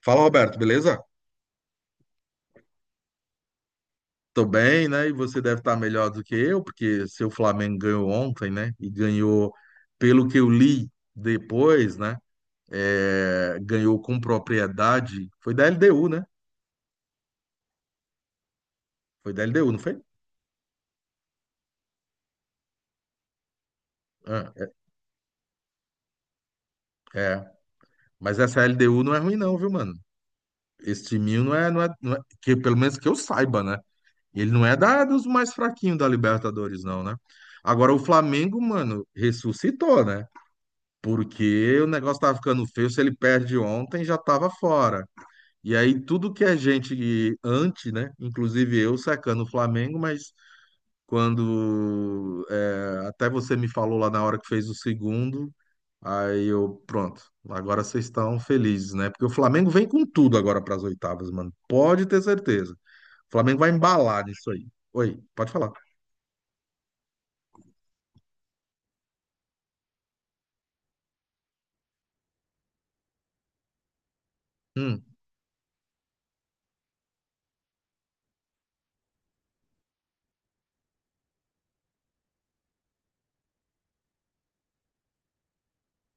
Fala, Roberto, beleza? Tô bem, né? E você deve estar melhor do que eu, porque seu Flamengo ganhou ontem, né? E ganhou, pelo que eu li depois, né? É, ganhou com propriedade. Foi da LDU, né? Foi da LDU, não foi? Ah, é, é. Mas essa LDU não é ruim, não, viu, mano? Esse timinho não é- que pelo menos que eu saiba, né? Ele não é da, dos mais fraquinhos da Libertadores, não, né? Agora o Flamengo, mano, ressuscitou, né? Porque o negócio tava ficando feio. Se ele perde ontem, já tava fora. E aí, tudo que a gente antes, né? Inclusive eu sacando o Flamengo, mas quando é, até você me falou lá na hora que fez o segundo, aí eu, pronto, agora vocês estão felizes, né? Porque o Flamengo vem com tudo agora para as oitavas, mano. Pode ter certeza. O Flamengo vai embalar nisso aí. Oi, pode falar. Hum.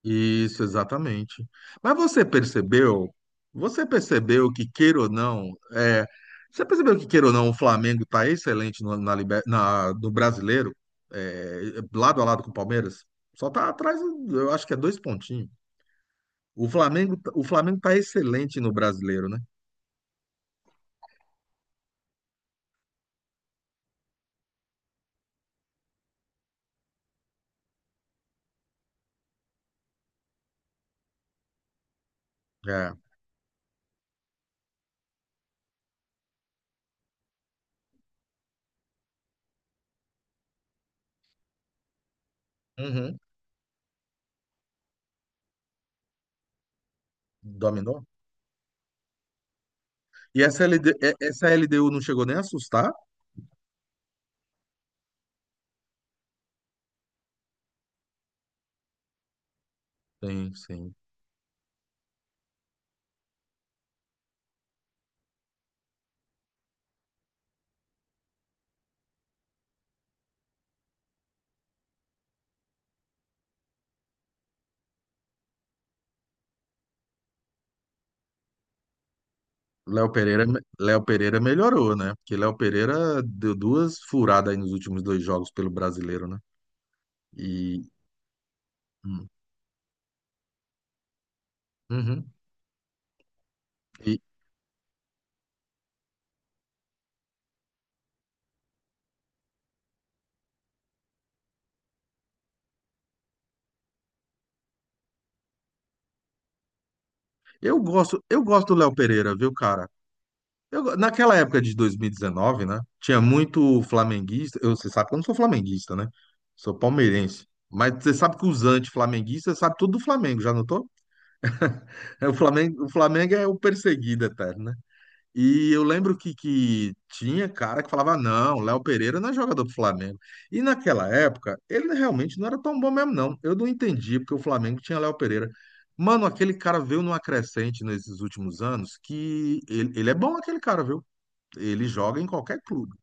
Isso, exatamente. Mas você percebeu? Você percebeu que, queira ou não, é, você percebeu que, queira ou não, o Flamengo está excelente no brasileiro, é, lado a lado com o Palmeiras? Só está atrás, eu acho que é dois pontinhos. O Flamengo está excelente no brasileiro, né? É. Uhum. Dominou. E essa essa LDU não chegou nem a assustar? Sim, sim. Léo Pereira, Léo Pereira melhorou, né? Porque Léo Pereira deu duas furadas aí nos últimos dois jogos pelo brasileiro, né? E, hum, uhum. E eu gosto do Léo Pereira, viu, cara? Naquela época de 2019, né? Tinha muito flamenguista. Eu, você sabe que eu não sou flamenguista, né? Sou palmeirense. Mas você sabe que os anti-flamenguistas sabem tudo do Flamengo, já notou? É, o Flamengo é o perseguido eterno, né? E eu lembro que tinha cara que falava, não, Léo Pereira não é jogador do Flamengo. E naquela época, ele realmente não era tão bom mesmo, não. Eu não entendi porque o Flamengo tinha Léo Pereira. Mano, aquele cara veio numa crescente nesses últimos anos que ele é bom aquele cara, viu? Ele joga em qualquer clube.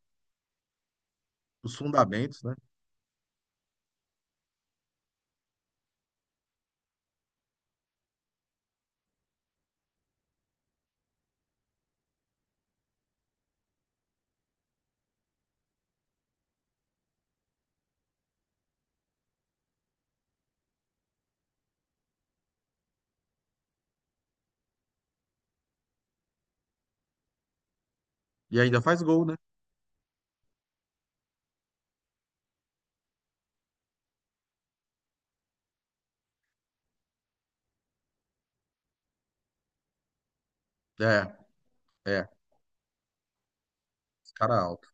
Os fundamentos, né? E ainda faz gol, né? É, é. Esse cara é alto.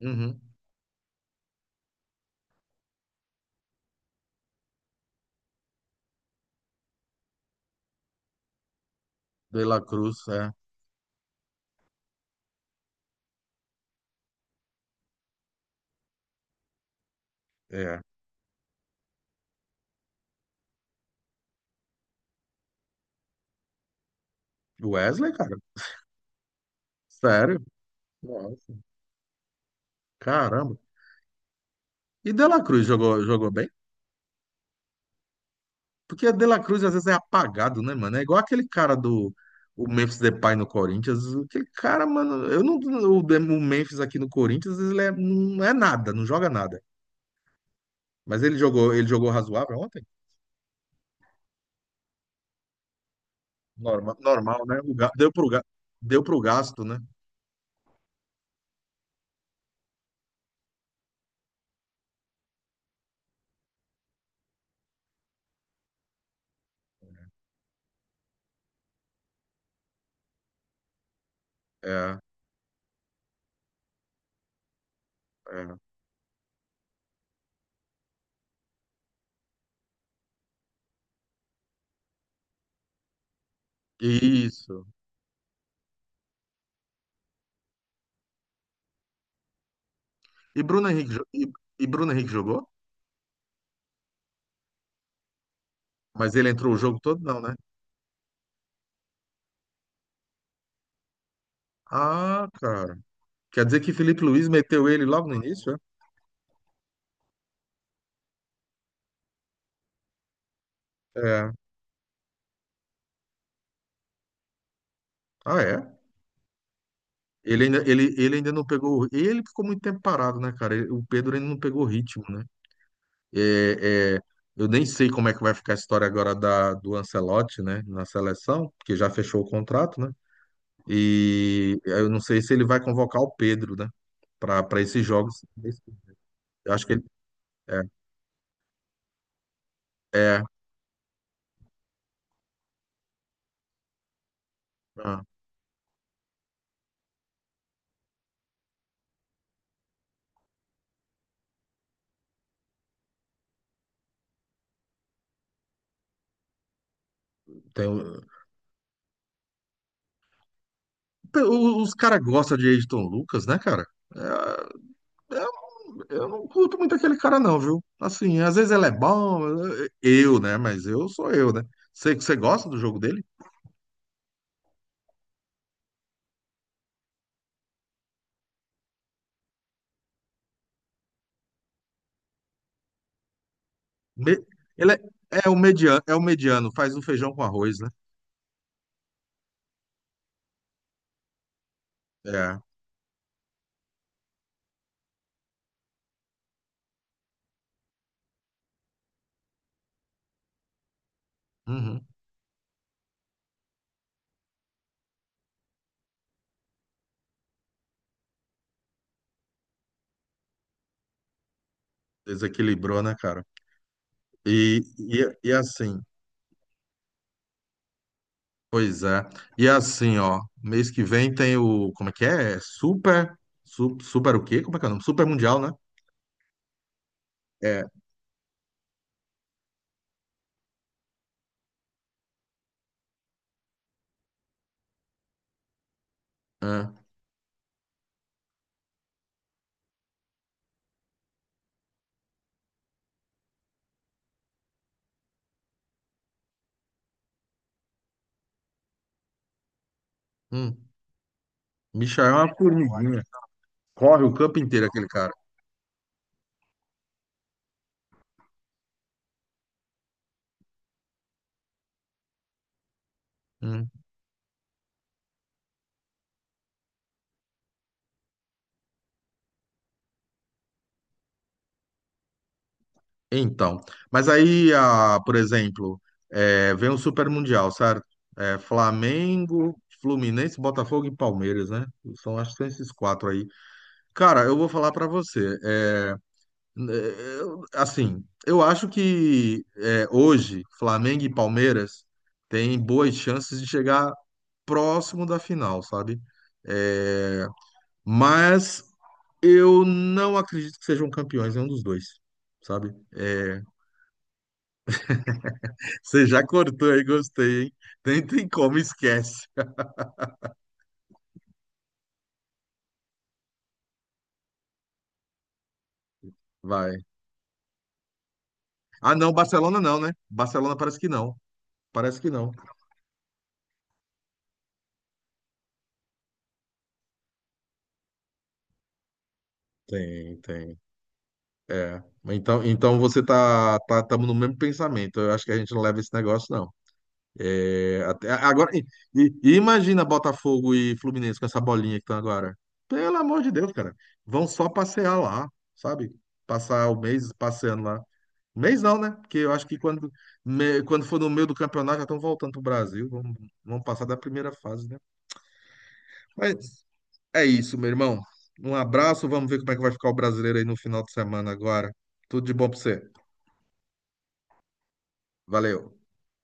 Uhum. De La Cruz, é, é. Wesley, cara. Sério? Nossa. Caramba. E De La Cruz jogou, jogou bem? Porque a De La Cruz às vezes é apagado, né, mano? É igual aquele cara do o Memphis Depay no Corinthians. Aquele cara, mano, eu não o, De- o Memphis aqui no Corinthians, não é nada, não joga nada. Mas ele jogou razoável ontem? Normal, normal, né? Deu pro, deu pro gasto, né? É, é. Isso. E Bruno Henrique, e Bruno Henrique jogou? Mas ele entrou o jogo todo, não, né? Ah, cara. Quer dizer que Felipe Luiz meteu ele logo no início, é? É. Ah, é? Ele ainda não pegou. Ele ficou muito tempo parado, né, cara? O Pedro ainda não pegou ritmo, né? É, é, eu nem sei como é que vai ficar a história agora do Ancelotti, né, na seleção, porque já fechou o contrato, né? E eu não sei se ele vai convocar o Pedro, né, para esses jogos. Eu acho que ele. É, é, ah, tem, o- os caras gostam de Ayrton Lucas, né, cara? É, eu não curto muito aquele cara, não, viu? Assim, às vezes ele é bom, eu, né? Mas eu sou eu, né? Você gosta do jogo dele? Me- ele é, é o mediano, faz um feijão com arroz, né? É. Uhum. Desequilibrou, né, cara? E assim, pois é. E assim, ó, mês que vem tem o, como é que é? É Super, su, super o quê? Como é que é o nome? Super Mundial, né? É. É. Hum. Michael é uma formiguinha. Corre o campo inteiro aquele cara. Hum. Então, mas aí, ah, por exemplo, vem o Super Mundial, certo? Flamengo, Fluminense, Botafogo e Palmeiras, né? São, acho que são esses quatro aí. Cara, eu vou falar pra você. Assim, eu acho que hoje Flamengo e Palmeiras têm boas chances de chegar próximo da final, sabe? Eh, mas eu não acredito que sejam campeões nenhum dos dois, sabe? É, você já cortou aí, gostei, hein? Nem tem como, esquece. Vai. Ah, não, Barcelona não, né? Barcelona parece que não. Parece que não. Tem, tem. É. Então, então você tamo no mesmo pensamento. Eu acho que a gente não leva esse negócio, não. É, até- agora, e imagina Botafogo e Fluminense com essa bolinha que estão agora. Pelo amor de Deus, cara. Vão só passear lá, sabe? Passar o mês passeando lá. Mês não, né? Porque eu acho que quando for no meio do campeonato já estão voltando para o Brasil. Vamos passar da primeira fase, né? Mas é isso, meu irmão. Um abraço. Vamos ver como é que vai ficar o brasileiro aí no final de semana agora. Tudo de bom para você. Valeu.